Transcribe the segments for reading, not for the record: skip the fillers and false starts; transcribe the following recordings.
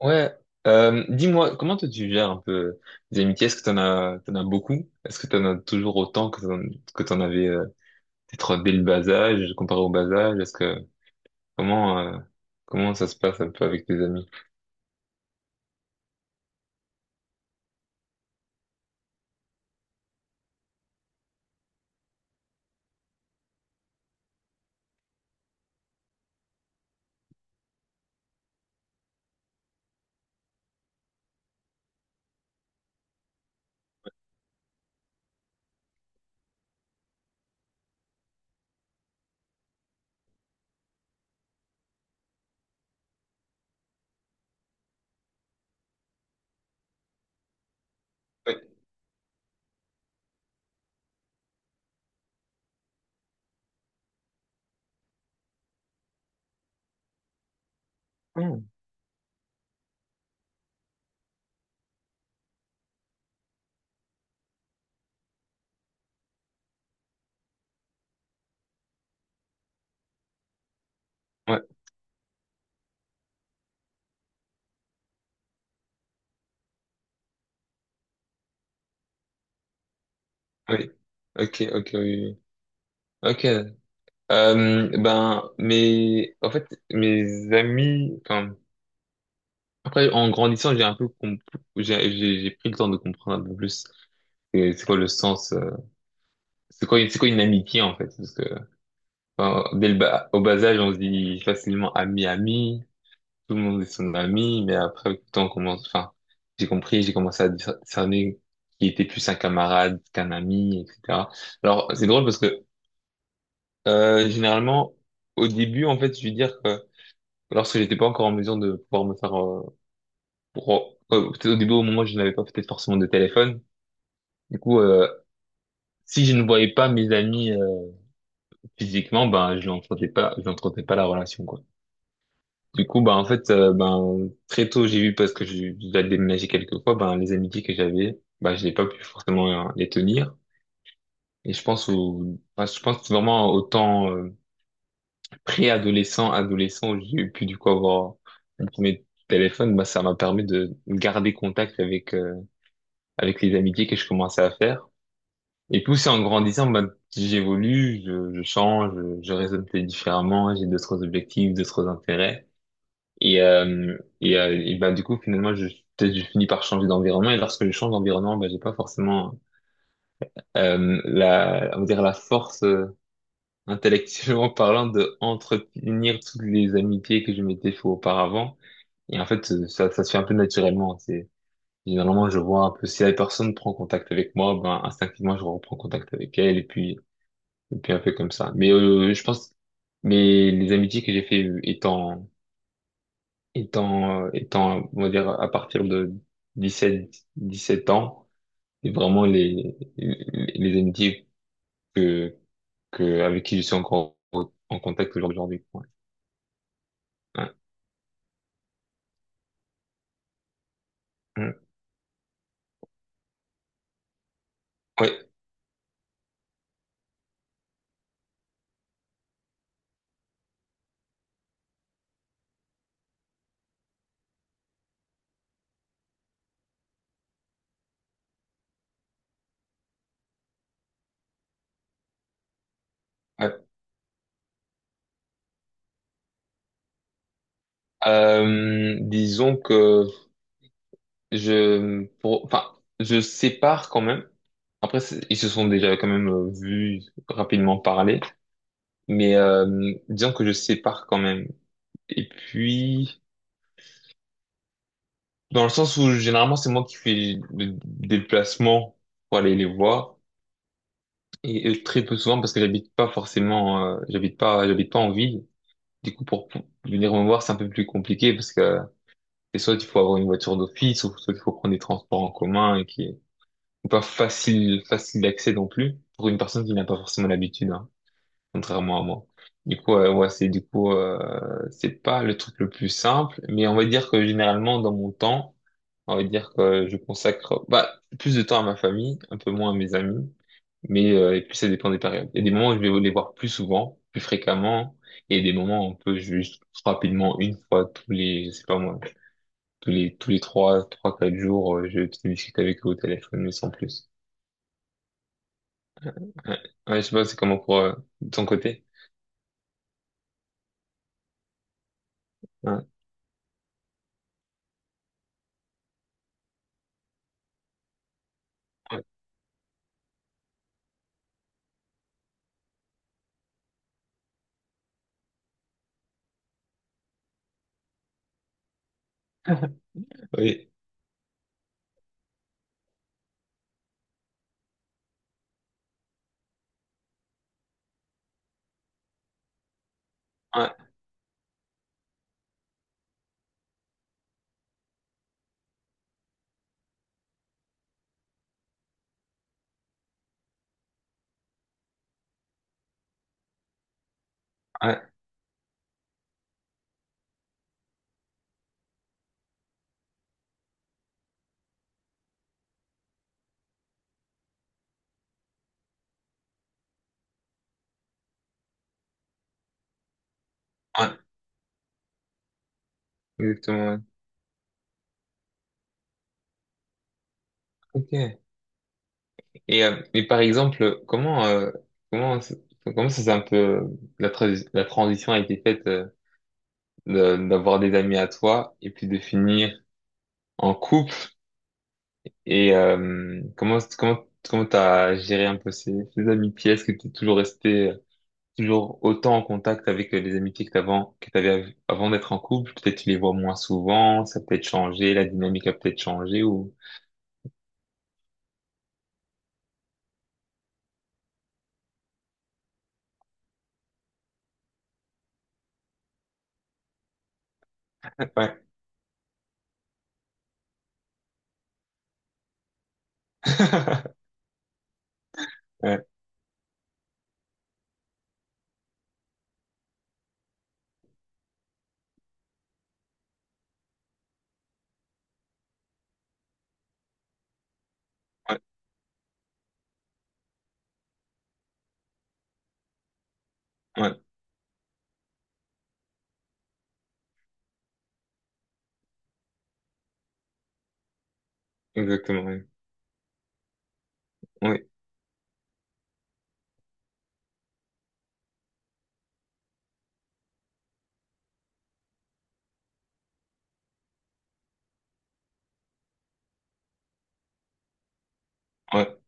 Ouais, Dis-moi, comment toi tu gères un peu les amitiés? Est-ce que t'en as beaucoup? Est-ce que t'en as toujours autant que t'en avais peut-être dès le bas âge, comparé au bas âge? Est-ce que comment Comment ça se passe un peu avec tes amis? Oui. Hmm. Ouais, oui. Ok, ok, oui. Oui. Ok. Mes amis. Enfin, après, en grandissant, j'ai un peu, comp- j'ai pris le temps de comprendre un peu plus. C'est quoi le sens? C'est quoi une amitié en fait? Enfin, dès le bas, au bas âge, on se dit facilement ami, ami, tout le monde est son ami, mais après, avec le temps, on commence, enfin, j'ai compris, j'ai commencé à discerner qui était plus un camarade qu'un ami, etc. Alors, c'est drôle parce que, généralement, au début, en fait, je veux dire que lorsque j'étais pas encore en mesure de pouvoir me faire, peut-être au début, au moment où je n'avais pas peut-être forcément de téléphone, du coup, si je ne voyais pas mes amis, physiquement, ben, je n'entretenais pas la relation, quoi. Du coup, bah, en fait, ben, très tôt, j'ai vu, parce que j'ai déjà déménagé quelques fois, ben, les amitiés que j'avais, bah, je n'ai pas pu forcément les tenir. Et je pense vraiment au temps pré-adolescent, adolescent, où j'ai pu, du coup, avoir mon premier téléphone, bah, ça m'a permis de garder contact avec, avec les amitiés que je commençais à faire. Et puis, c'est en grandissant, bah, j'évolue, je change, je raisonne peut-être différemment, j'ai d'autres objectifs, d'autres intérêts. Et, et bah, du coup, finalement, peut-être je finis par changer d'environnement. Et lorsque je change d'environnement, bah, j'ai pas forcément la, on va dire la force intellectuellement parlant de entretenir toutes les amitiés que je m'étais fait auparavant. Et en fait, ça se fait un peu naturellement. C'est généralement, je vois un peu si la personne prend contact avec moi, ben instinctivement, je reprends contact avec elle. Et puis un peu comme ça. Mais je pense, mais les amitiés que j'ai fait étant, on va dire, à partir de dix-sept dix-sept ans, et vraiment les amitiés que, que, avec qui je suis encore en contact aujourd'hui. Ouais. Ouais. Mm. Ouais. Ouais. Disons que je, pour, enfin, je sépare quand même. Après, c'est- ils se sont déjà quand même vus rapidement parler, mais disons que je sépare quand même. Et puis, dans le sens où généralement c'est moi qui fais le déplacement pour aller les voir et très peu souvent parce que j'habite pas forcément, j'habite pas en ville. Du coup pour venir me voir c'est un peu plus compliqué parce que c'est soit il faut avoir une voiture d'office ou soit il faut prendre des transports en commun et qui est pas facile facile d'accès non plus pour une personne qui n'a pas forcément l'habitude hein, contrairement à moi. Du coup c'est pas le truc le plus simple mais on va dire que généralement dans mon temps on va dire que je consacre bah, plus de temps à ma famille, un peu moins à mes amis, mais et puis ça dépend des périodes. Il y a des moments où je vais les voir plus souvent, plus fréquemment, et des moments où on peut juste rapidement une fois tous les, je sais pas moi, tous les trois, trois quatre jours, je discute avec eux au téléphone, mais sans plus. Ouais, Ouais, je sais pas, c'est comment pour de ton côté. Ouais. Ouais. Oui, ouais, ouais, ouais, exactement. Ouais. Ok. Et, mais par exemple, comment, ça- comment ça s'est, un peu, la transition a été faite d'avoir des amis à toi et puis de finir en couple et comment t'as géré un peu ces amitiés? Est-ce que t'es toujours resté, toujours autant en contact avec les amitiés que t'avais avant d'être en couple? Peut-être tu les vois moins souvent, ça a peut-être changé, la dynamique a peut-être changé ou, ouais, ouais, ouais, ouais, exactement, oui, oui, ouais,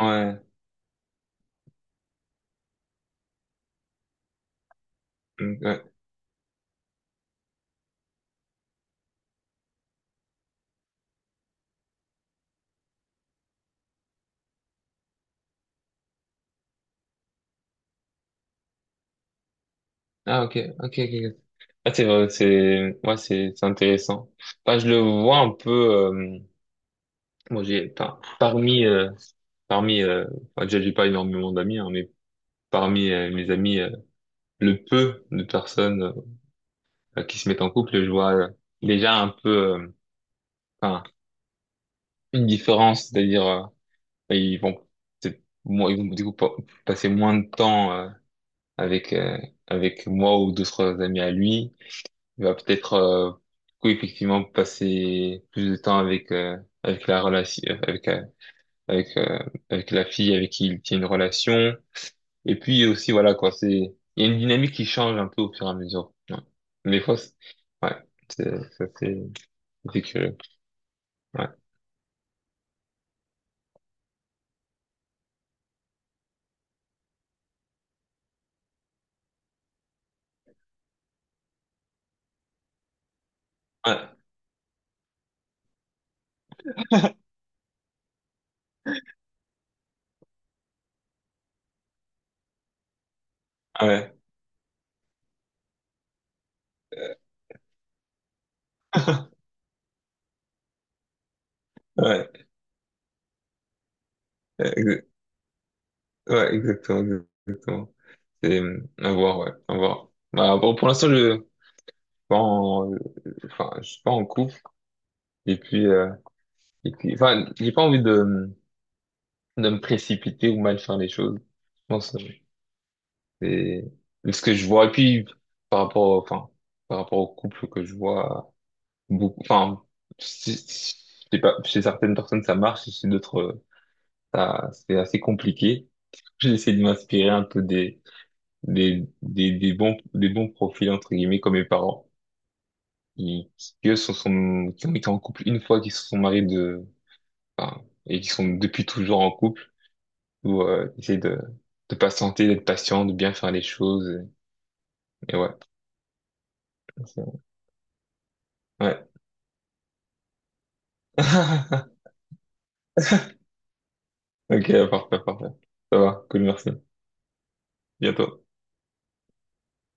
ouais. Mm, ouais. Ah, ok, ok, ok. Ok. Ah, c'est vrai, c'est, ouais, c'est intéressant. Enfin, je le vois un peu, bon, j'ai, enfin, parmi, enfin, déjà, j'ai pas énormément d'amis, hein, mais parmi mes amis, le peu de personnes qui se mettent en couple, je vois déjà un peu, enfin, une différence, c'est-à-dire, ils vont, c'est, moi, ils vont, du coup, passer moins de temps, avec, avec moi ou d'autres amis à lui. Il va peut-être du coup, effectivement passer plus de temps avec avec la relation avec avec avec la fille avec qui il tient une relation et puis aussi voilà quoi c'est il y a une dynamique qui change un peu au fur et à mesure ouais. Des fois c'est- ouais c'est ça c'est curieux ouais ouais ouais ouais. Ouais, ouais, exactement c'est à voir ouais à voir. Bah, bon, pour l'instant je bon, enfin je suis pas en couple et puis et puis, enfin, j'ai pas envie de me précipiter ou mal faire les choses. Je pense, euh, c'est ce que je vois. Et puis, par rapport, enfin, par rapport au couple que je vois, beaucoup, enfin, c'est- c'est- c'est pas, chez certaines personnes, ça marche, chez d'autres, ça, c'est assez compliqué. J'ai essayé de m'inspirer un peu des bons profils, entre guillemets, comme mes parents, qui, qui eux, qui ont été en couple une fois, qui se sont mariés de, enfin, et qui sont depuis toujours en couple ou essayer de patienter, d'être patient, de bien faire les choses. Et, ouais. C'est- ouais. Ok, parfait, parfait. Ça va, cool, merci. Bientôt.